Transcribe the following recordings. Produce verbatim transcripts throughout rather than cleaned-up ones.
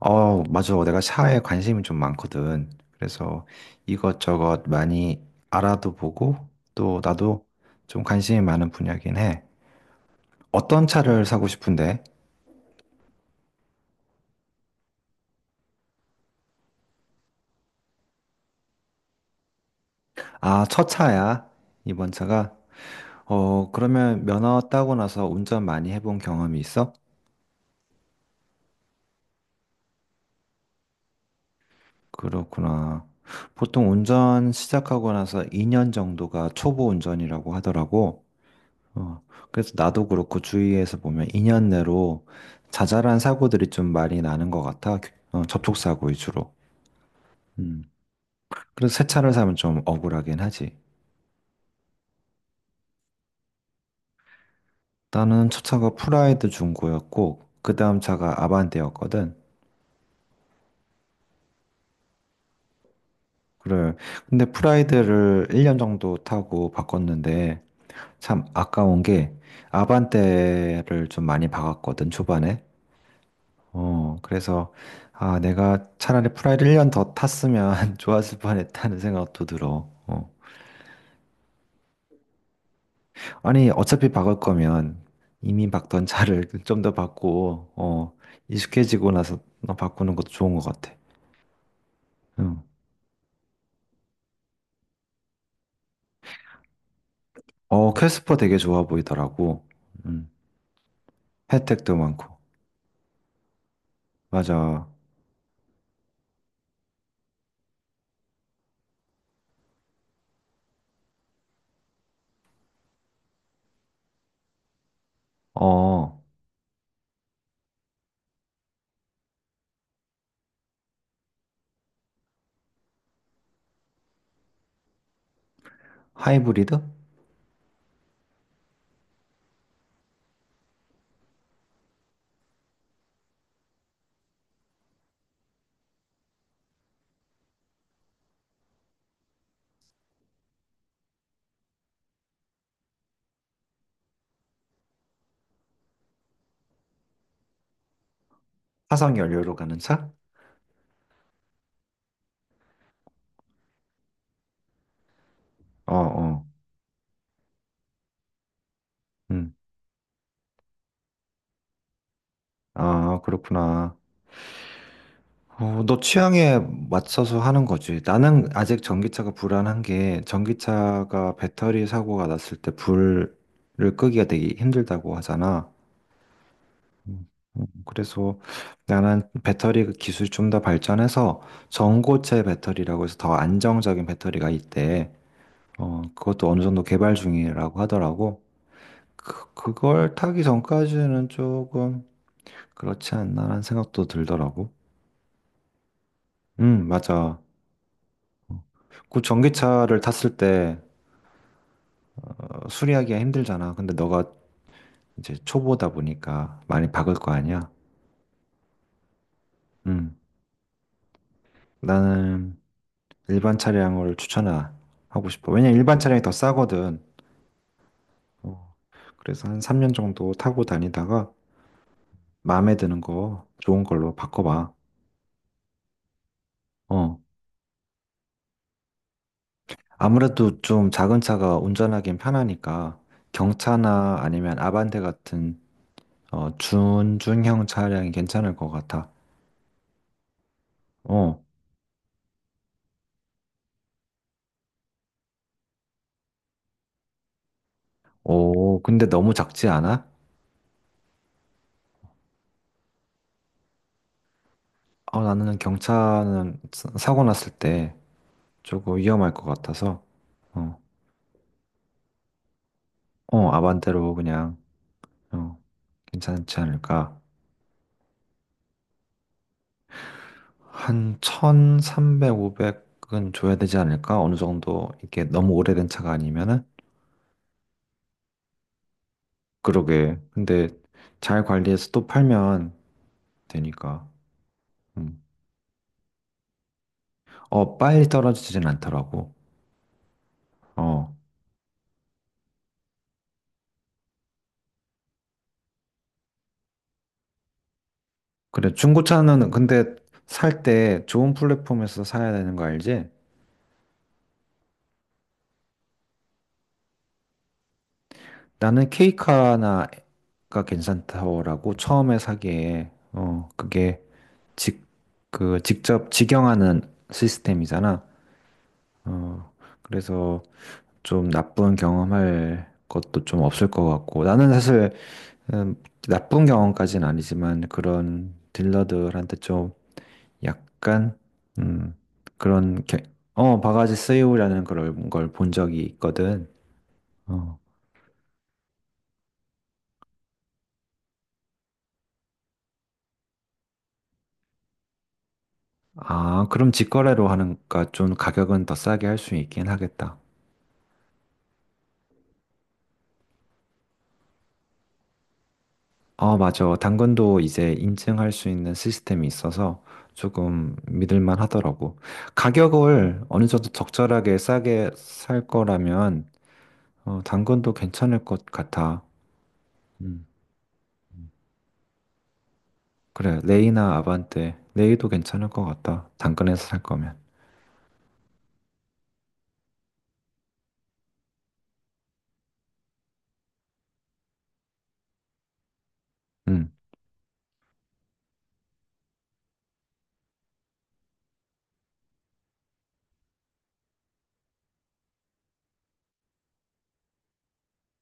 어, 맞아. 내가 샤에 관심이 좀 많거든. 그래서 이것저것 많이 알아도 보고 또 나도 좀 관심이 많은 분야긴 해. 어떤 차를 사고 싶은데? 아, 첫 차야. 이번 차가. 어, 그러면 면허 따고 나서 운전 많이 해본 경험이 있어? 그렇구나. 보통 운전 시작하고 나서 이 년 정도가 초보 운전이라고 하더라고. 어, 그래서 나도 그렇고 주위에서 보면 이 년 내로 자잘한 사고들이 좀 많이 나는 것 같아. 어, 접촉사고 위주로. 음. 그래서 새 차를 사면 좀 억울하긴 하지. 나는 첫 차가 프라이드 중고였고, 그 다음 차가 아반떼였거든. 그래. 근데 프라이드를 일 년 정도 타고 바꿨는데, 참 아까운 게 아반떼를 좀 많이 박았거든, 초반에. 어, 그래서, 아, 내가 차라리 프라이를 일 년 더 탔으면 좋았을 뻔했다는 생각도 들어. 어. 아니, 어차피 바꿀 거면 이미 박던 차를 좀 더 바꾸고, 어, 익숙해지고 나서 바꾸는 것도 좋은 것 같아. 응. 어, 캐스퍼 되게 좋아 보이더라고. 음, 혜택도 많고. 맞아. 어, 하이브리드? 화석 연료로 가는 차? 어, 어. 음. 아, 그렇구나. 어, 너 취향에 맞춰서 하는 거지. 나는 아직 전기차가 불안한 게 전기차가 배터리 사고가 났을 때 불을 끄기가 되게 힘들다고 하잖아. 음. 음, 그래서 나는 배터리 그 기술이 좀 더 발전해서 전고체 배터리라고 해서 더 안정적인 배터리가 있대. 어, 그것도 어느 정도 개발 중이라고 하더라고. 그, 그걸 타기 전까지는 조금 그렇지 않나라는 생각도 들더라고. 음, 맞아. 그 전기차를 탔을 때 수리하기가 힘들잖아. 근데 너가 이제 초보다 보니까 많이 박을 거 아니야. 음. 나는 일반 차량을 추천하고 싶어. 왜냐면 일반 차량이 더 싸거든. 어, 그래서 한 삼 년 정도 타고 다니다가 마음에 드는 거 좋은 걸로 바꿔봐. 어. 아무래도 좀 작은 차가 운전하기엔 편하니까 경차나 아니면 아반떼 같은 어, 준중형 차량이 괜찮을 것 같아. 어. 오, 근데 너무 작지 않아? 어, 나는 경차는 사- 사고 났을 때 조금 위험할 것 같아서, 어, 어, 아반떼로 그냥, 어, 괜찮지 않을까. 한 천삼백, 오백은 줘야 되지 않을까? 어느 정도, 이게 너무 오래된 차가 아니면은? 그러게. 근데 잘 관리해서 또 팔면 되니까. 음. 어, 빨리 떨어지진 않더라고. 어. 그래, 중고차는 근데 살 때 좋은 플랫폼에서 사야 되는 거 알지? 나는 케이카나가 괜찮다고 처음에 사기에, 어, 그게 직, 그, 직접 직영하는 시스템이잖아. 어, 그래서 좀 나쁜 경험할 것도 좀 없을 것 같고. 나는 사실, 음, 나쁜 경험까지는 아니지만 그런 딜러들한테 좀 약간, 음, 그런, 게- 어, 바가지 쓰이오라는 그런 걸 본 적이 있거든. 어, 아, 그럼 직거래로 하니까 좀 가격은 더 싸게 할 수 있긴 하겠다. 어, 맞아. 당근도 이제 인증할 수 있는 시스템이 있어서 조금 믿을만 하더라고. 가격을 어느 정도 적절하게 싸게 살 거라면 어, 당근도 괜찮을 것 같아. 음. 그래, 레이나 아반떼, 레이도 괜찮을 것 같다. 당근에서 살 거면. 음.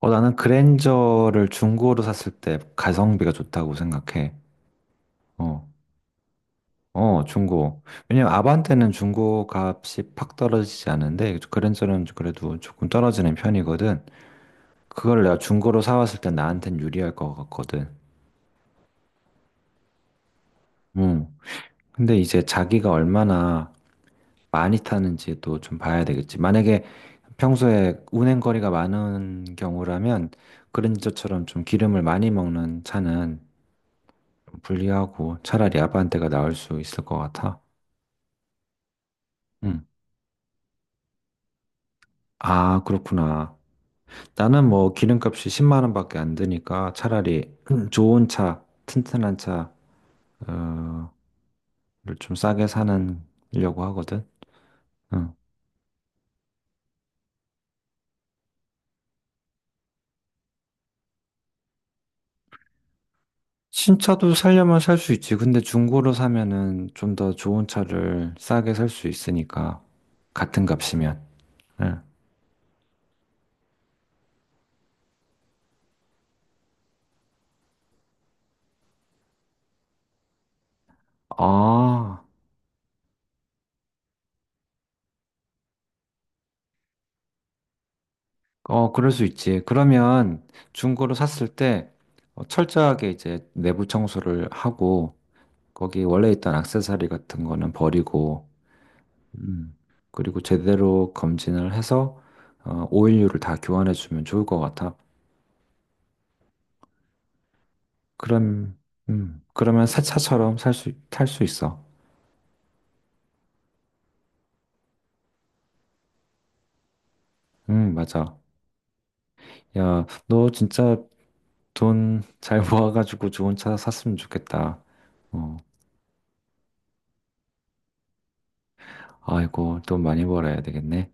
어, 나는 그랜저를 중고로 샀을 때 가성비가 좋다고 생각해. 어. 어, 중고. 왜냐면 아반떼는 중고 값이 팍 떨어지지 않는데 그랜저는 그래도 조금 떨어지는 편이거든. 그걸 내가 중고로 사왔을 때 나한텐 유리할 것 같거든. 음. 근데 이제 자기가 얼마나 많이 타는지도 좀 봐야 되겠지. 만약에 평소에 운행거리가 많은 경우라면 그랜저처럼 좀 기름을 많이 먹는 차는 좀 불리하고 차라리 아반떼가 나을 수 있을 것 같아. 음. 아, 그렇구나. 나는 뭐 기름값이 십만 원밖에 안 드니까 차라리 좋은 차, 튼튼한 차, 어, 를좀 싸게 사려고 하거든. 응. 신차도 살려면 살 수 있지. 근데 중고로 사면은 좀 더 좋은 차를 싸게 살 수 있으니까. 같은 값이면. 응. 아, 어, 그럴 수 있지. 그러면 중고로 샀을 때 어, 철저하게 이제 내부 청소를 하고 거기 원래 있던 액세서리 같은 거는 버리고 음. 그리고 제대로 검진을 해서 어, 오일류를 다 교환해 주면 좋을 것 같아. 그럼 음, 그러면 새 차처럼 살 수, 탈 수 있어. 음, 맞아. 야, 너 진짜 돈 잘 모아가지고 좋은 차 샀으면 좋겠다. 어, 아이고, 돈 많이 벌어야 되겠네.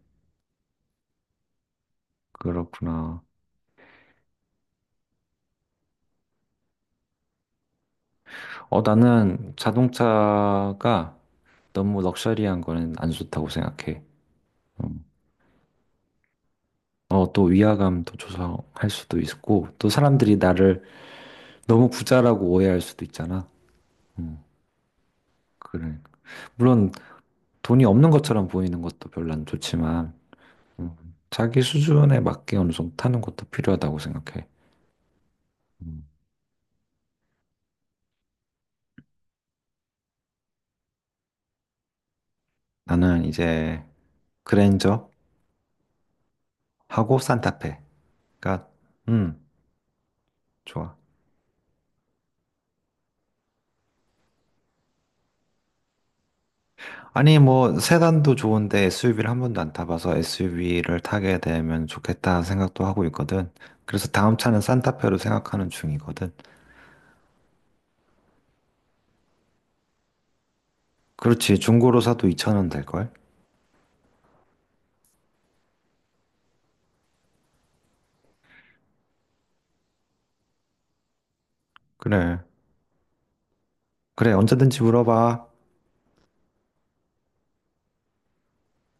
그렇구나. 어, 나는 자동차가 너무 럭셔리한 거는 안 좋다고 생각해. 음. 어, 또 위화감도 조성할 수도 있고, 또 사람들이 나를 너무 부자라고 오해할 수도 있잖아. 음, 그래. 물론 돈이 없는 것처럼 보이는 것도 별로 안 좋지만, 음, 자기 수준에 맞게 어느 정도 타는 것도 필요하다고 생각해. 음, 나는 이제 그랜저하고 산타페가, 음, 좋아. 아니, 뭐, 세단도 좋은데 에스유브이를 한 번도 안 타봐서 에스유브이를 타게 되면 좋겠다 생각도 하고 있거든. 그래서 다음 차는 산타페로 생각하는 중이거든. 그렇지, 중고로 사도 이천 원 될걸? 그래. 그래, 언제든지 물어봐.